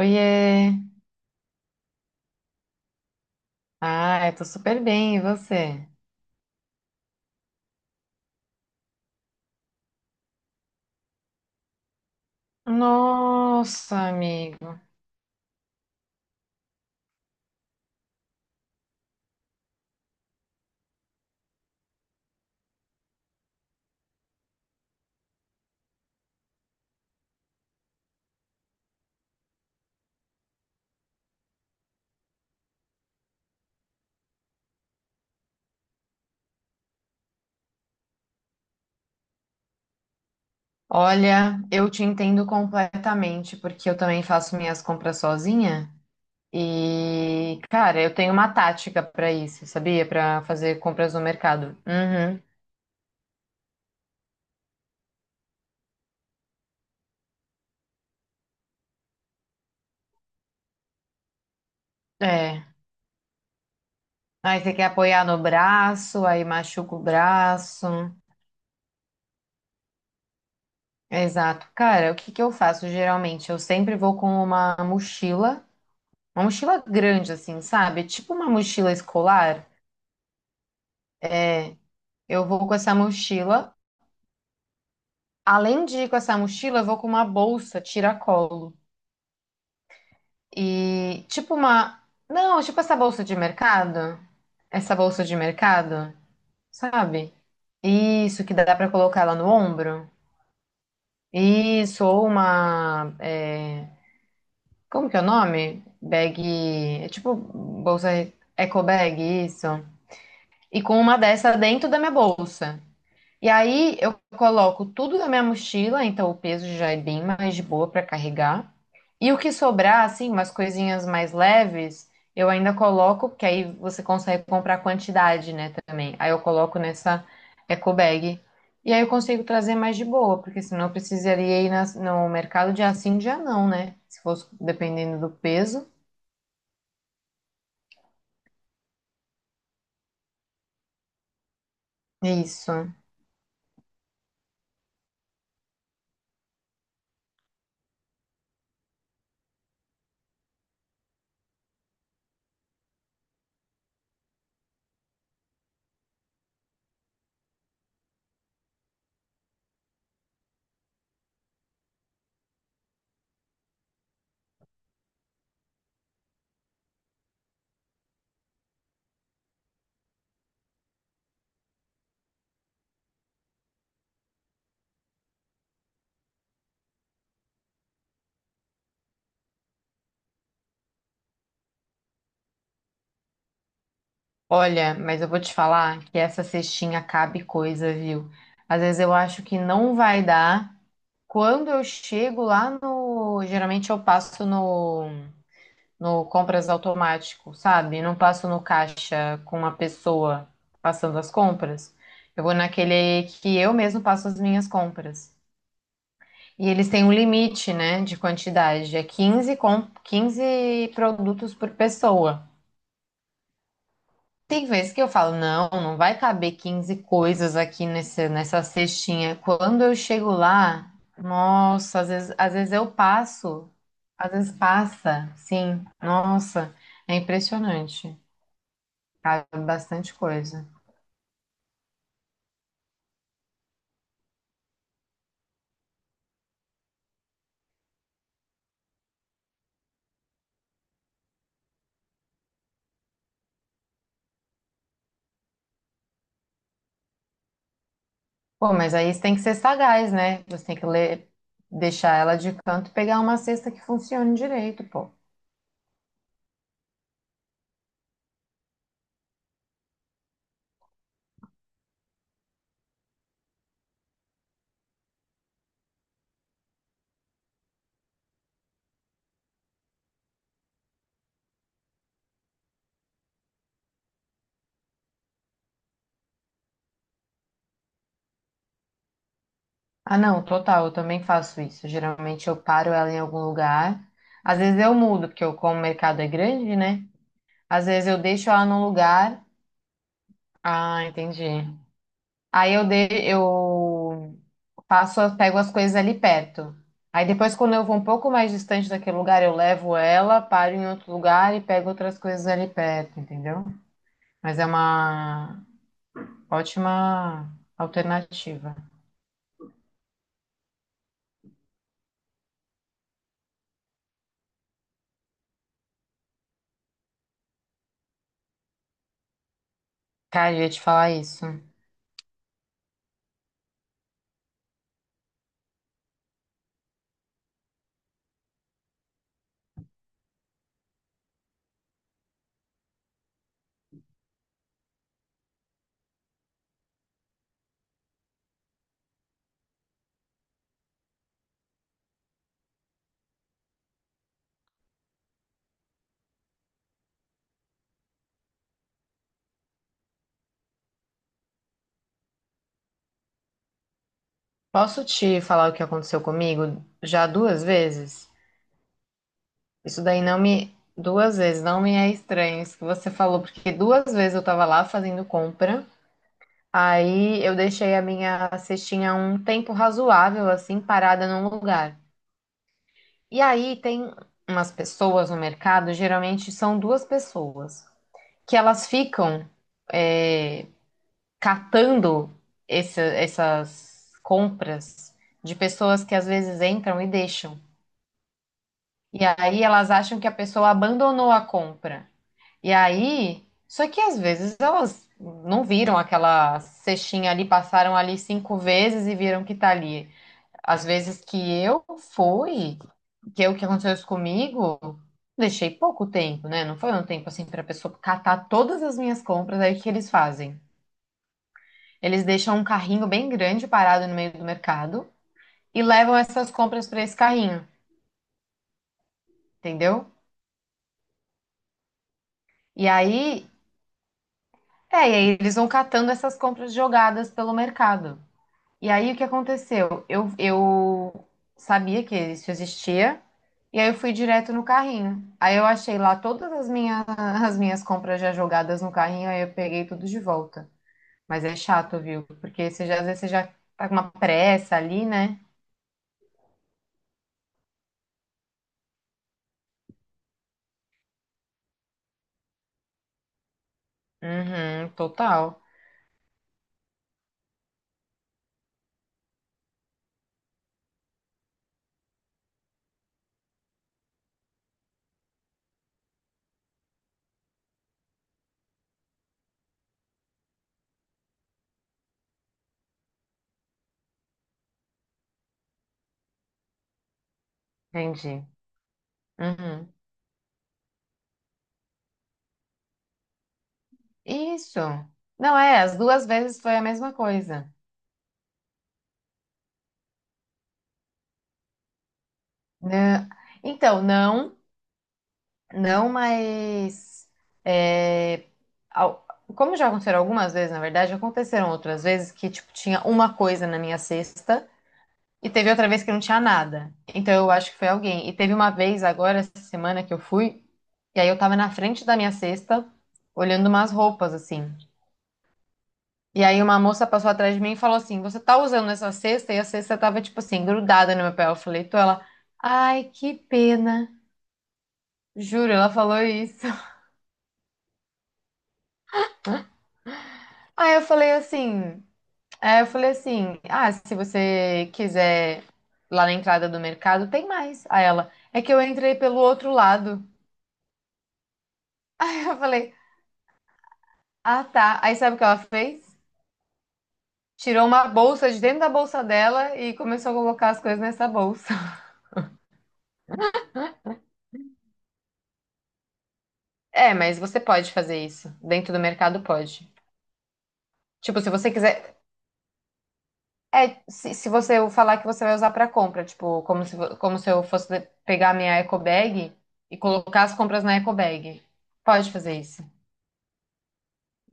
Oiê! Ah, eu tô super bem, e você? Nossa, amigo. Olha, eu te entendo completamente, porque eu também faço minhas compras sozinha. E, cara, eu tenho uma tática pra isso, sabia? Pra fazer compras no mercado. Uhum. É. Aí você quer apoiar no braço, aí machuca o braço. Exato. Cara, o que que eu faço geralmente? Eu sempre vou com uma mochila grande, assim, sabe? Tipo uma mochila escolar. Eu vou com essa mochila. Além de ir com essa mochila, eu vou com uma bolsa tiracolo. E tipo uma. Não, tipo essa bolsa de mercado. Essa bolsa de mercado, sabe? Isso, que dá pra colocar ela no ombro. Isso, ou uma. Como que é o nome? Bag. É tipo bolsa eco bag, isso. E com uma dessa dentro da minha bolsa. E aí eu coloco tudo na minha mochila, então o peso já é bem mais de boa para carregar. E o que sobrar, assim, umas coisinhas mais leves, eu ainda coloco, porque aí você consegue comprar quantidade, né, também. Aí eu coloco nessa eco bag. E aí eu consigo trazer mais de boa, porque senão eu precisaria ir no mercado dia sim, dia não, né? Se fosse dependendo do peso. É isso. Olha, mas eu vou te falar que essa cestinha cabe coisa, viu? Às vezes eu acho que não vai dar. Quando eu chego lá no. Geralmente eu passo no compras automático, sabe? Não passo no caixa com uma pessoa passando as compras. Eu vou naquele que eu mesmo passo as minhas compras. E eles têm um limite, né, de quantidade. É 15 produtos por pessoa. Tem vezes que eu falo, não, não vai caber 15 coisas aqui nessa cestinha. Quando eu chego lá, nossa, às vezes eu passo, às vezes passa, sim. Nossa, é impressionante. Cabe bastante coisa. Pô, mas aí você tem que ser sagaz, né? Você tem que ler, deixar ela de canto e pegar uma cesta que funcione direito, pô. Ah, não, total, eu também faço isso. Geralmente eu paro ela em algum lugar. Às vezes eu mudo, porque eu, como o mercado é grande, né? Às vezes eu deixo ela num lugar. Ah, entendi. Aí eu faço, pego as coisas ali perto. Aí depois, quando eu vou um pouco mais distante daquele lugar, eu levo ela, paro em outro lugar e pego outras coisas ali perto, entendeu? Mas é uma ótima alternativa. Cara, eu ia te falar isso. Posso te falar o que aconteceu comigo já duas vezes? Isso daí não me. Duas vezes, não me é estranho isso que você falou, porque duas vezes eu tava lá fazendo compra, aí eu deixei a minha cestinha um tempo razoável, assim, parada num lugar. E aí tem umas pessoas no mercado, geralmente são duas pessoas, que elas ficam é, catando essas compras de pessoas que às vezes entram e deixam. E aí elas acham que a pessoa abandonou a compra. E aí, só que às vezes elas não viram aquela cestinha ali, passaram ali cinco vezes e viram que tá ali. Às vezes que eu fui, que é o que aconteceu isso comigo, deixei pouco tempo, né? Não foi um tempo assim para pessoa catar todas as minhas compras, aí o que eles fazem? Eles deixam um carrinho bem grande parado no meio do mercado e levam essas compras para esse carrinho, entendeu? E aí, e aí eles vão catando essas compras jogadas pelo mercado. E aí o que aconteceu? Eu sabia que isso existia, e aí eu fui direto no carrinho. Aí eu achei lá todas as minhas, as minhas compras já jogadas no carrinho, aí eu peguei tudo de volta. Mas é chato, viu? Porque você já, às vezes você já tá com uma pressa ali, né? Uhum, total. Entendi. Uhum. Isso. Não é, as duas vezes foi a mesma coisa. Né? Então, não. Não, mas é, ao- como já aconteceram algumas vezes, na verdade, aconteceram outras vezes que tipo tinha uma coisa na minha cesta e teve outra vez que não tinha nada. Então eu acho que foi alguém. E teve uma vez agora essa semana que eu fui e aí eu tava na frente da minha cesta olhando umas roupas assim. E aí uma moça passou atrás de mim e falou assim: "Você tá usando essa cesta?" E a cesta tava tipo assim grudada no meu pé. Eu falei, "Tô". Ela: "Ai, que pena". Juro, ela falou isso. Aí eu falei assim. Aí eu falei assim: ah, se você quiser lá na entrada do mercado, tem mais. Aí ela, é que eu entrei pelo outro lado. Eu falei, ah, tá. Aí sabe o que ela fez? Tirou uma bolsa de dentro da bolsa dela e começou a colocar as coisas nessa bolsa. É, mas você pode fazer isso. Dentro do mercado pode. Tipo, se você quiser. É, se você falar que você vai usar pra compra, tipo, como se eu fosse pegar minha eco bag e colocar as compras na eco bag. Pode fazer isso,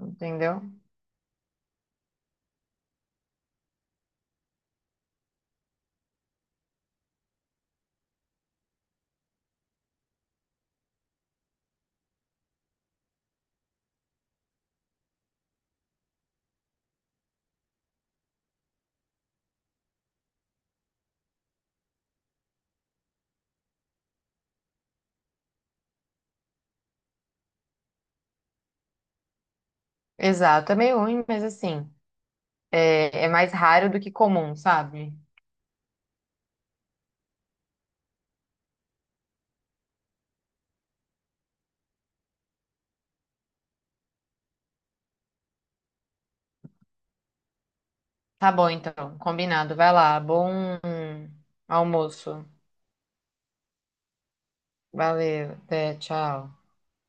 entendeu? Exato, é meio ruim, mas assim, é mais raro do que comum, sabe? Tá bom, então, combinado. Vai lá, bom almoço. Valeu, até, tchau.